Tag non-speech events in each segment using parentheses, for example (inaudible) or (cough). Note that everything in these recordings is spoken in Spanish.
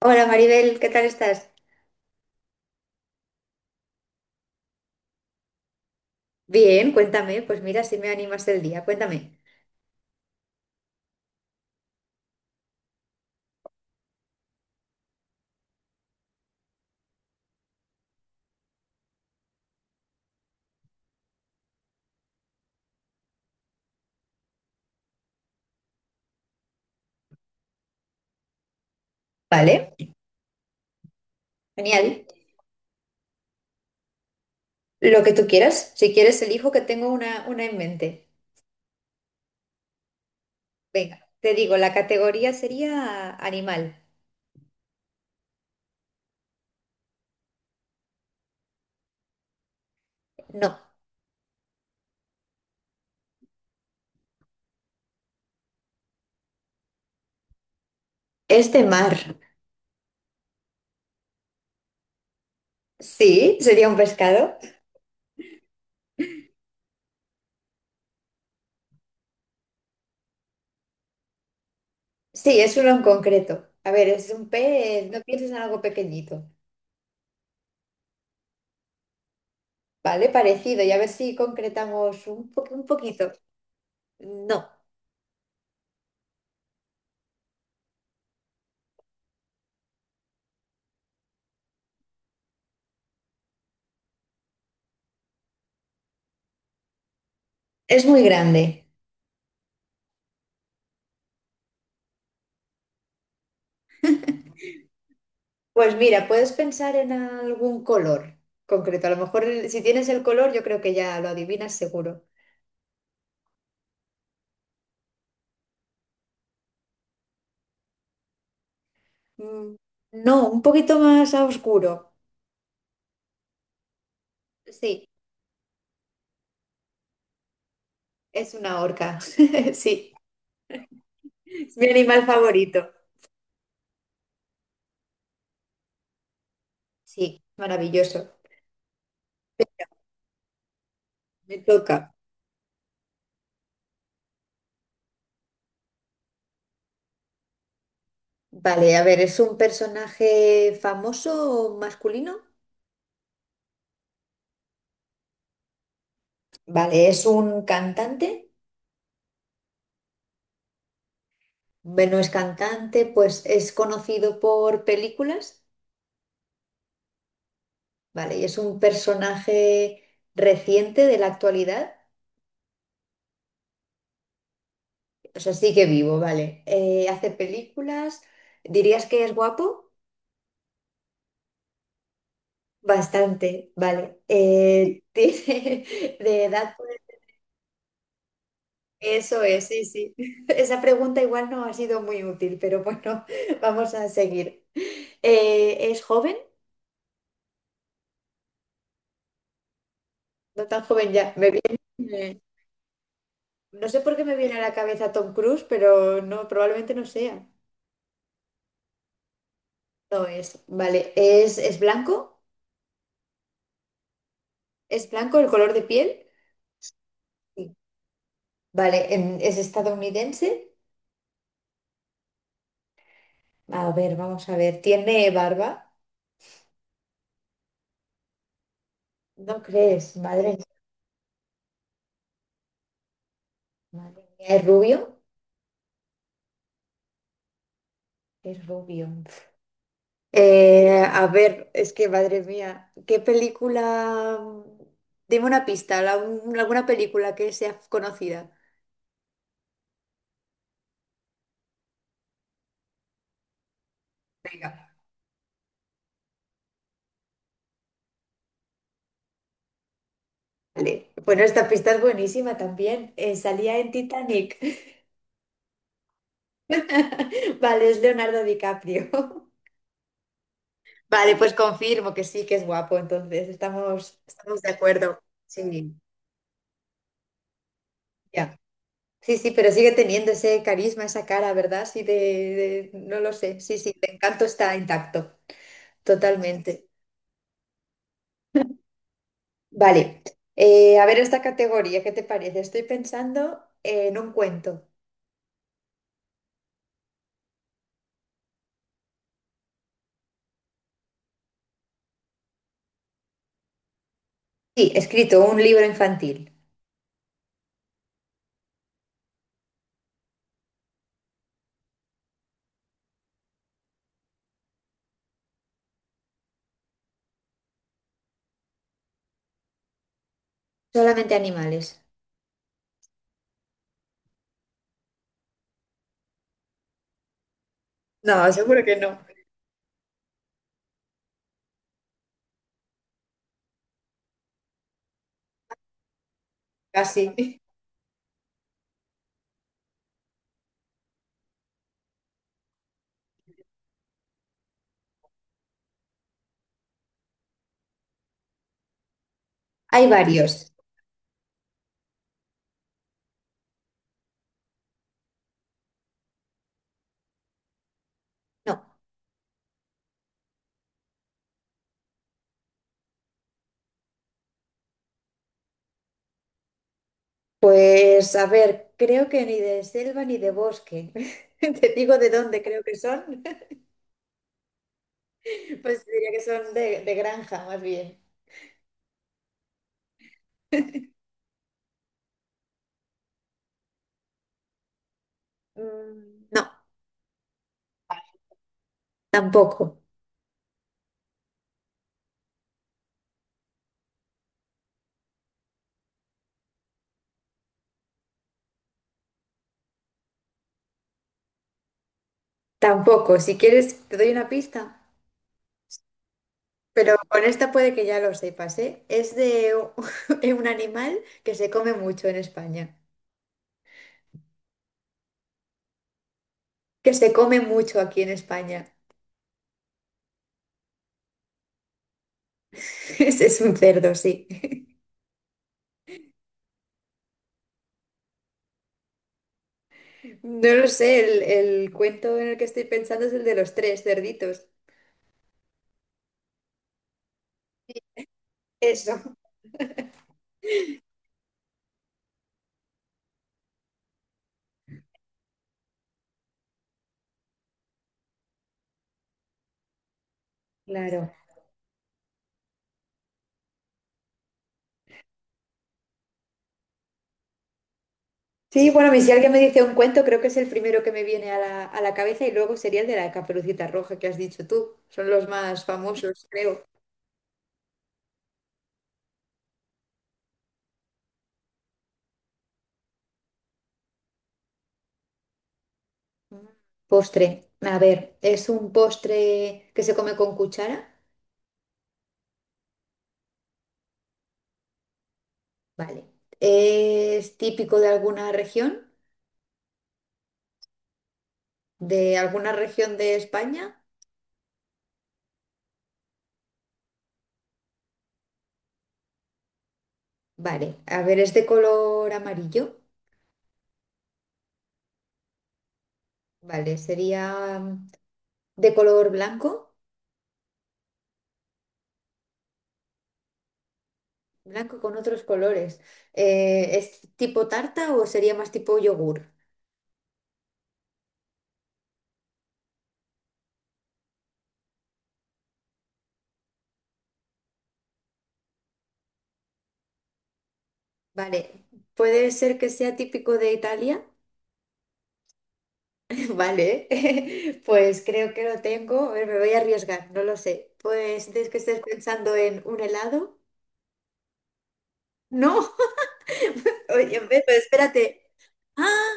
Hola Maribel, ¿qué tal estás? Bien, cuéntame, pues mira, si me animas el día, cuéntame. Vale, genial. Lo que tú quieras, si quieres elijo que tengo una en mente. Venga, te digo, la categoría sería animal. No, es de mar. Sí, sería un pescado. Sí, es uno en concreto. A ver, es un pez, no pienses en algo pequeñito, ¿vale? Parecido, y a ver si concretamos un poquito. No, es muy grande. Pues mira, puedes pensar en algún color concreto. A lo mejor si tienes el color, yo creo que ya lo adivinas seguro. Mm, no, un poquito más a oscuro. Sí, es una orca. (laughs) Sí, es mi animal favorito. Sí, maravilloso. Me toca. Vale, a ver, ¿es un personaje famoso o masculino? Vale, ¿es un cantante? Bueno, es cantante, pues es conocido por películas. Vale, y es un personaje reciente de la actualidad. O sea, sigue vivo, vale. Hace películas. ¿Dirías que es guapo? Bastante, vale. Tiene (laughs) de edad. Pues, eso es, sí, sí. (laughs) Esa pregunta igual no ha sido muy útil, pero bueno, (laughs) vamos a seguir. ¿Es joven? No tan joven ya. No sé por qué me viene a la cabeza Tom Cruise, pero no, probablemente no sea. No es. Vale. ¿Es blanco? ¿Es blanco el color de piel? Sí. Vale, ¿es estadounidense? A ver, vamos a ver. ¿Tiene barba? ¿No crees? Madre, mía, madre mía. ¿Es rubio? Es rubio. A ver, es que madre mía, ¿qué película? Dime una pista, alguna película que sea conocida. Venga. Vale. Bueno, esta pista es buenísima también. Salía en Titanic. (laughs) Vale, es Leonardo DiCaprio. Vale, pues confirmo que sí, que es guapo, entonces estamos, estamos de acuerdo. Sí, ya. Sí, sí, pero sigue teniendo ese carisma, esa cara, ¿verdad? Sí, no lo sé. Sí, sí, el encanto está intacto, totalmente. Vale, a ver esta categoría, ¿qué te parece? Estoy pensando en un cuento. Sí, escrito, un libro infantil. Solamente animales. No, seguro que no. Casi. (laughs) Hay varios. No. Pues a ver, creo que ni de selva ni de bosque. (laughs) Te digo de dónde creo que son. (laughs) Pues diría que son de, granja, más bien. Mm, no, tampoco, tampoco. Si quieres, te doy una pista. Pero con esta puede que ya lo sepas, ¿eh? Es de (laughs) de un animal que se come mucho en España. Que se come mucho aquí en España. (laughs) Ese es un cerdo, sí. (laughs) No lo sé, el cuento en el que estoy pensando es el de los tres cerditos. Eso. Claro. Sí, bueno, y si alguien me dice un cuento, creo que es el primero que me viene a la cabeza y luego sería el de la Caperucita Roja que has dicho tú. Son los más famosos, creo. Mm. Postre. A ver, ¿es un postre que se come con cuchara? Vale. ¿Es típico de alguna región? ¿De alguna región de España? Vale. A ver, ¿es de color amarillo? Vale, sería mm, de color blanco, blanco con otros colores. ¿Es tipo tarta o sería más tipo yogur? Vale, puede ser que sea típico de Italia. (laughs) Vale, (laughs) pues creo que lo tengo. A ver, me voy a arriesgar, no lo sé. Pues es que estés pensando en un helado. No, (laughs) oye, ve, pero espérate. Ah,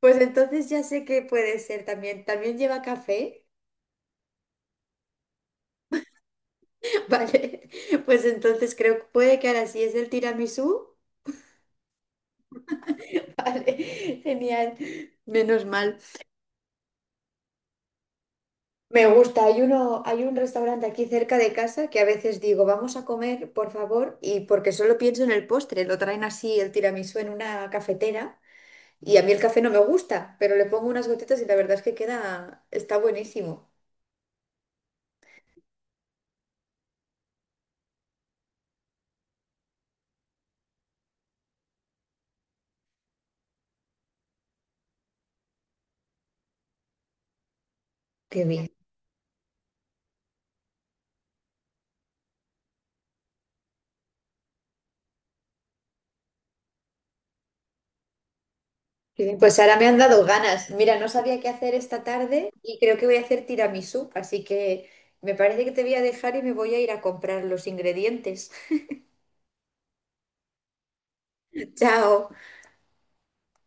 pues entonces ya sé que puede ser también. También lleva café. (laughs) Vale, pues entonces creo que puede que ahora sí es el tiramisú. (laughs) Vale, genial. Menos mal. Me gusta, hay un restaurante aquí cerca de casa que a veces digo, vamos a comer, por favor, y porque solo pienso en el postre, lo traen así el tiramisú en una cafetera y a mí el café no me gusta, pero le pongo unas gotitas y la verdad es que queda, está buenísimo. Qué bien. Qué bien. Pues ahora me han dado ganas. Mira, no sabía qué hacer esta tarde y creo que voy a hacer tiramisú, así que me parece que te voy a dejar y me voy a ir a comprar los ingredientes. (laughs) Chao.